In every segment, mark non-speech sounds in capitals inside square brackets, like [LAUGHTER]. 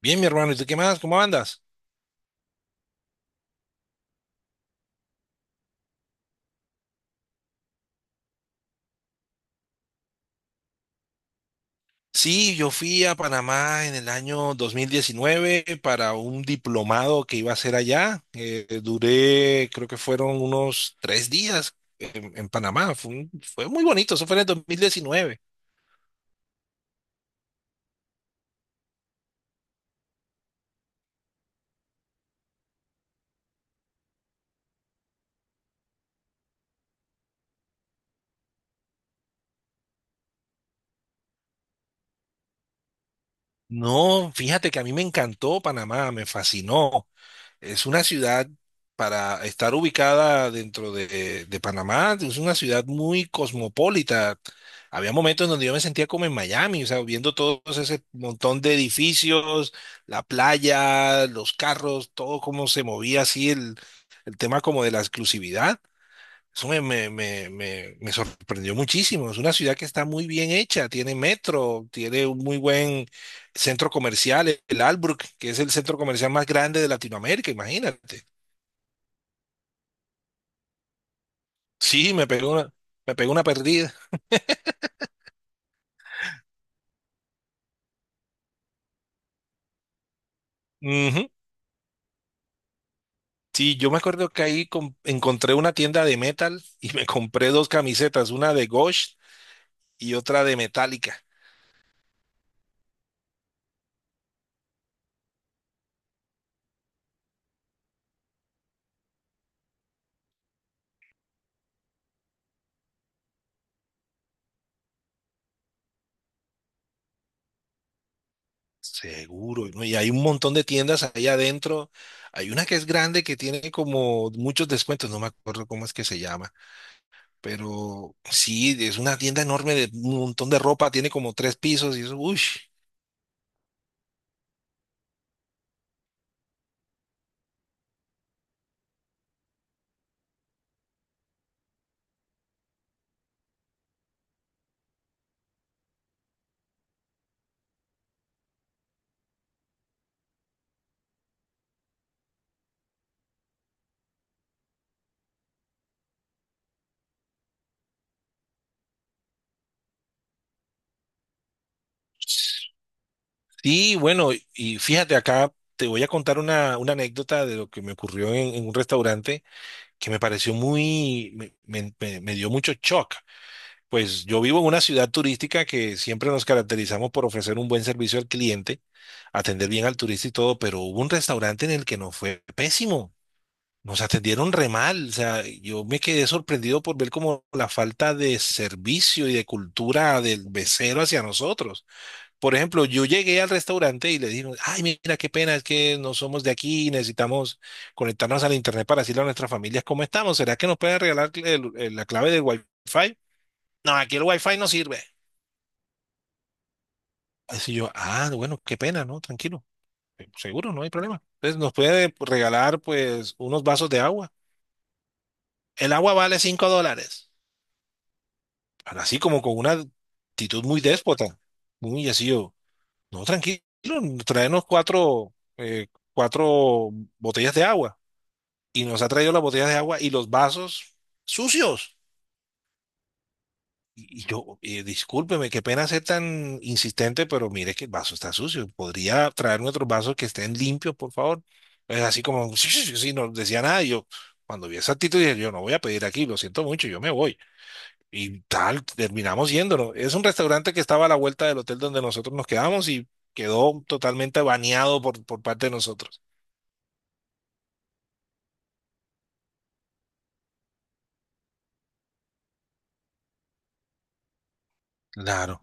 Bien, mi hermano, ¿y tú qué más? ¿Cómo andas? Sí, yo fui a Panamá en el año 2019 para un diplomado que iba a hacer allá. Duré, creo que fueron unos 3 días en Panamá. Fue muy bonito, eso fue en el 2019. No, fíjate que a mí me encantó Panamá, me fascinó. Es una ciudad para estar ubicada dentro de Panamá, es una ciudad muy cosmopolita. Había momentos en donde yo me sentía como en Miami, o sea, viendo todo ese montón de edificios, la playa, los carros, todo cómo se movía así el tema como de la exclusividad. Eso me sorprendió muchísimo. Es una ciudad que está muy bien hecha, tiene metro, tiene un muy buen centro comercial, el Albrook, que es el centro comercial más grande de Latinoamérica, imagínate. Sí, me pegó una perdida. Ujú. Sí, yo me acuerdo que ahí encontré una tienda de metal y [LAUGHS] me compré dos camisetas, una de Ghost y otra de Metallica. Seguro, ¿no? Y hay un montón de tiendas ahí adentro. Hay una que es grande que tiene como muchos descuentos, no me acuerdo cómo es que se llama, pero sí, es una tienda enorme de un montón de ropa, tiene como tres pisos y eso, uy. Sí, bueno, y fíjate acá, te voy a contar una anécdota de lo que me ocurrió en un restaurante que me pareció muy, me dio mucho shock. Pues yo vivo en una ciudad turística que siempre nos caracterizamos por ofrecer un buen servicio al cliente, atender bien al turista y todo, pero hubo un restaurante en el que nos fue pésimo. Nos atendieron re mal, o sea, yo me quedé sorprendido por ver como la falta de servicio y de cultura del mesero hacia nosotros. Por ejemplo, yo llegué al restaurante y le dije, ay, mira, qué pena, es que no somos de aquí, y necesitamos conectarnos al internet para decirle a nuestras familias cómo estamos. ¿Será que nos pueden regalar la clave del Wi-Fi? No, aquí el Wi-Fi no sirve. Así yo, ah, bueno, qué pena, ¿no? Tranquilo. Seguro, no hay problema. Entonces nos puede regalar pues unos vasos de agua. El agua vale $5. Pero así como con una actitud muy déspota. Muy así yo. No, tranquilo, traernos cuatro, cuatro botellas de agua. Y nos ha traído las botellas de agua y los vasos sucios. Y yo, discúlpeme, qué pena ser tan insistente, pero mire que el vaso está sucio. ¿Podría traerme otros vasos que estén limpios, por favor? Es así como, [LAUGHS] sí, sí, sí, sí, no decía nada. Y yo, cuando vi esa actitud, dije, yo no voy a pedir aquí, lo siento mucho, yo me voy. Y tal, terminamos yéndonos. Es un restaurante que estaba a la vuelta del hotel donde nosotros nos quedamos y quedó totalmente baneado por parte de nosotros. Claro,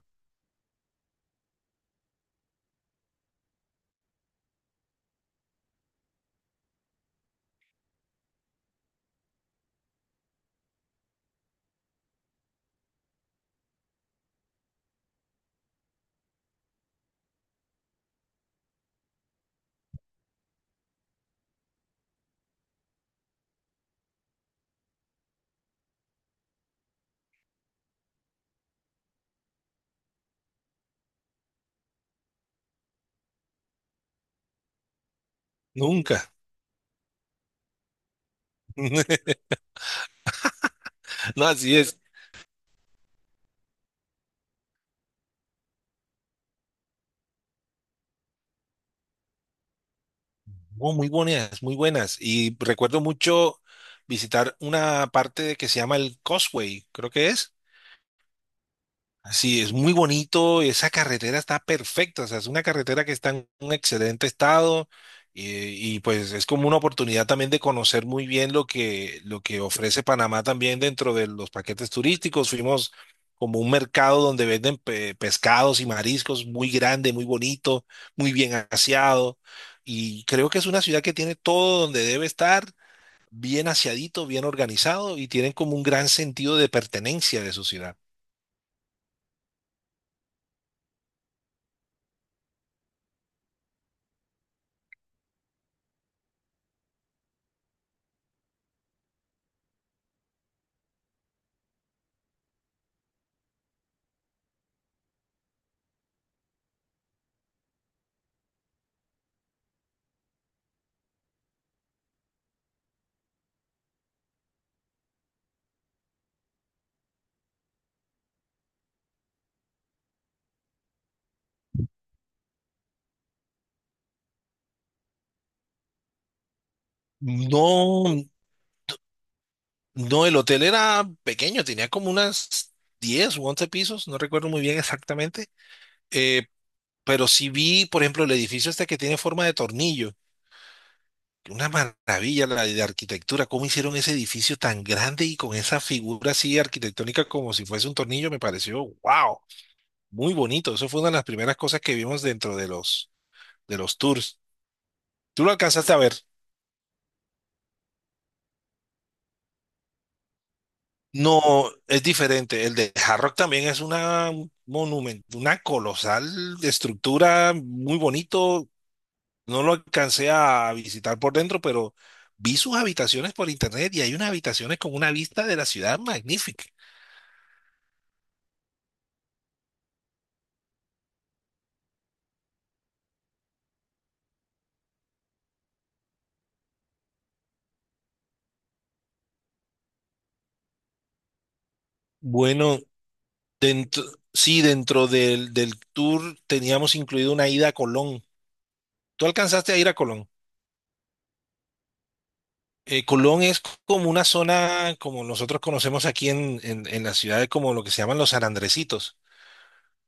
nunca. [LAUGHS] No, así es. Oh, muy buenas, muy buenas. Y recuerdo mucho visitar una parte que se llama el Causeway, creo que es. Sí, es muy bonito, esa carretera está perfecta, o sea, es una carretera que está en un excelente estado y, pues es como una oportunidad también de conocer muy bien lo que ofrece Panamá también dentro de los paquetes turísticos. Fuimos como un mercado donde venden pescados y mariscos muy grande, muy bonito, muy bien aseado y creo que es una ciudad que tiene todo donde debe estar, bien aseadito, bien organizado y tienen como un gran sentido de pertenencia de su ciudad. No, no, el hotel era pequeño, tenía como unas 10 u 11 pisos, no recuerdo muy bien exactamente, eh, pero sí vi, por ejemplo, el edificio este que tiene forma de tornillo, una maravilla la de arquitectura, cómo hicieron ese edificio tan grande y con esa figura así arquitectónica como si fuese un tornillo, me pareció, wow, muy bonito, eso fue una de las primeras cosas que vimos dentro de los tours. ¿Tú lo alcanzaste a ver? No, es diferente. El de Hard Rock también es una monumento, una colosal estructura, muy bonito. No lo alcancé a visitar por dentro, pero vi sus habitaciones por internet y hay unas habitaciones con una vista de la ciudad magnífica. Bueno, dentro, sí, dentro del tour teníamos incluido una ida a Colón. ¿Tú alcanzaste a ir a Colón? Colón es como una zona, como nosotros conocemos aquí en la ciudad, como lo que se llaman los San,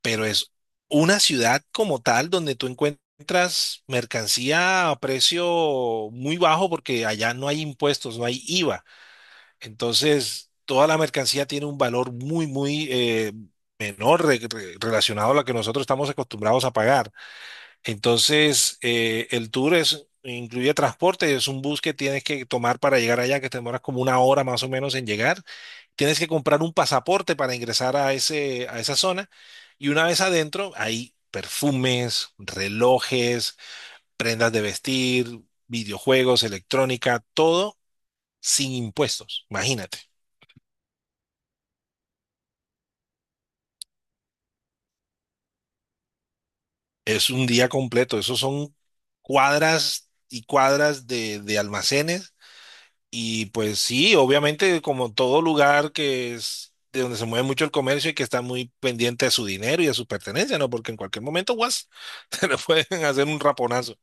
pero es una ciudad como tal donde tú encuentras mercancía a precio muy bajo porque allá no hay impuestos, no hay IVA. Entonces, toda la mercancía tiene un valor muy, muy menor relacionado a lo que nosotros estamos acostumbrados a pagar. Entonces, el tour es, incluye transporte, es un bus que tienes que tomar para llegar allá, que te demoras como una hora más o menos en llegar. Tienes que comprar un pasaporte para ingresar a a esa zona. Y una vez adentro, hay perfumes, relojes, prendas de vestir, videojuegos, electrónica, todo sin impuestos. Imagínate, es un día completo. Esos son cuadras y cuadras de almacenes. Y pues sí, obviamente como todo lugar que es de donde se mueve mucho el comercio y que está muy pendiente de su dinero y de su pertenencia, ¿no? Porque en cualquier momento, guas, [LAUGHS] te le pueden hacer un raponazo.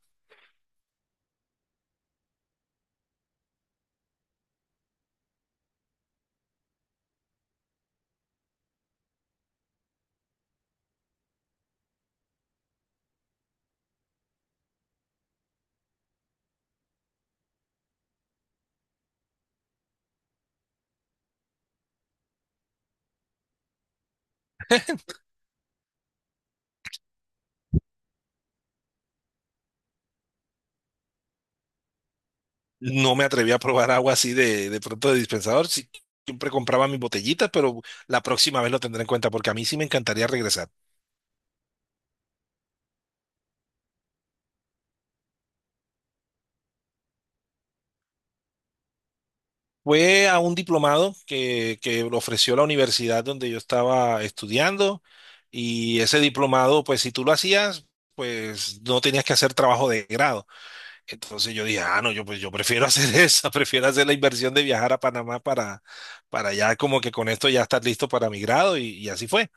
No me atreví a probar agua así de pronto de dispensador. Sí, siempre compraba mis botellitas, pero la próxima vez lo tendré en cuenta porque a mí sí me encantaría regresar. Fue a un diplomado que lo ofreció la universidad donde yo estaba estudiando y ese diplomado, pues si tú lo hacías, pues no tenías que hacer trabajo de grado. Entonces yo dije, ah, no, yo pues yo prefiero hacer [LAUGHS] esa, prefiero hacer la inversión de viajar a Panamá para, ya como que con esto ya estar listo para mi grado y así fue.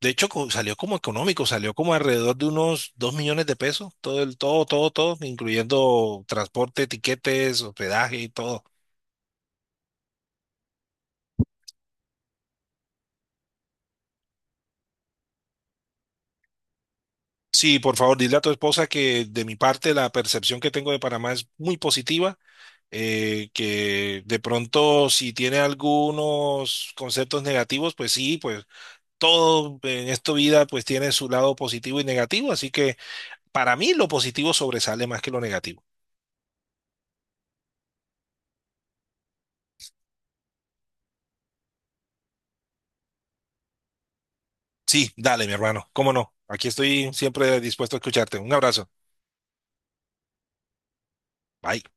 De hecho, salió como económico, salió como alrededor de unos 2 millones de pesos, todo el, todo, todo, todo, incluyendo transporte, tiquetes, hospedaje y todo. Sí, por favor, dile a tu esposa que de mi parte la percepción que tengo de Panamá es muy positiva, que de pronto si tiene algunos conceptos negativos, pues sí, pues todo en esta vida pues tiene su lado positivo y negativo, así que para mí lo positivo sobresale más que lo negativo. Sí, dale, mi hermano, cómo no. Aquí estoy siempre dispuesto a escucharte. Un abrazo. Bye.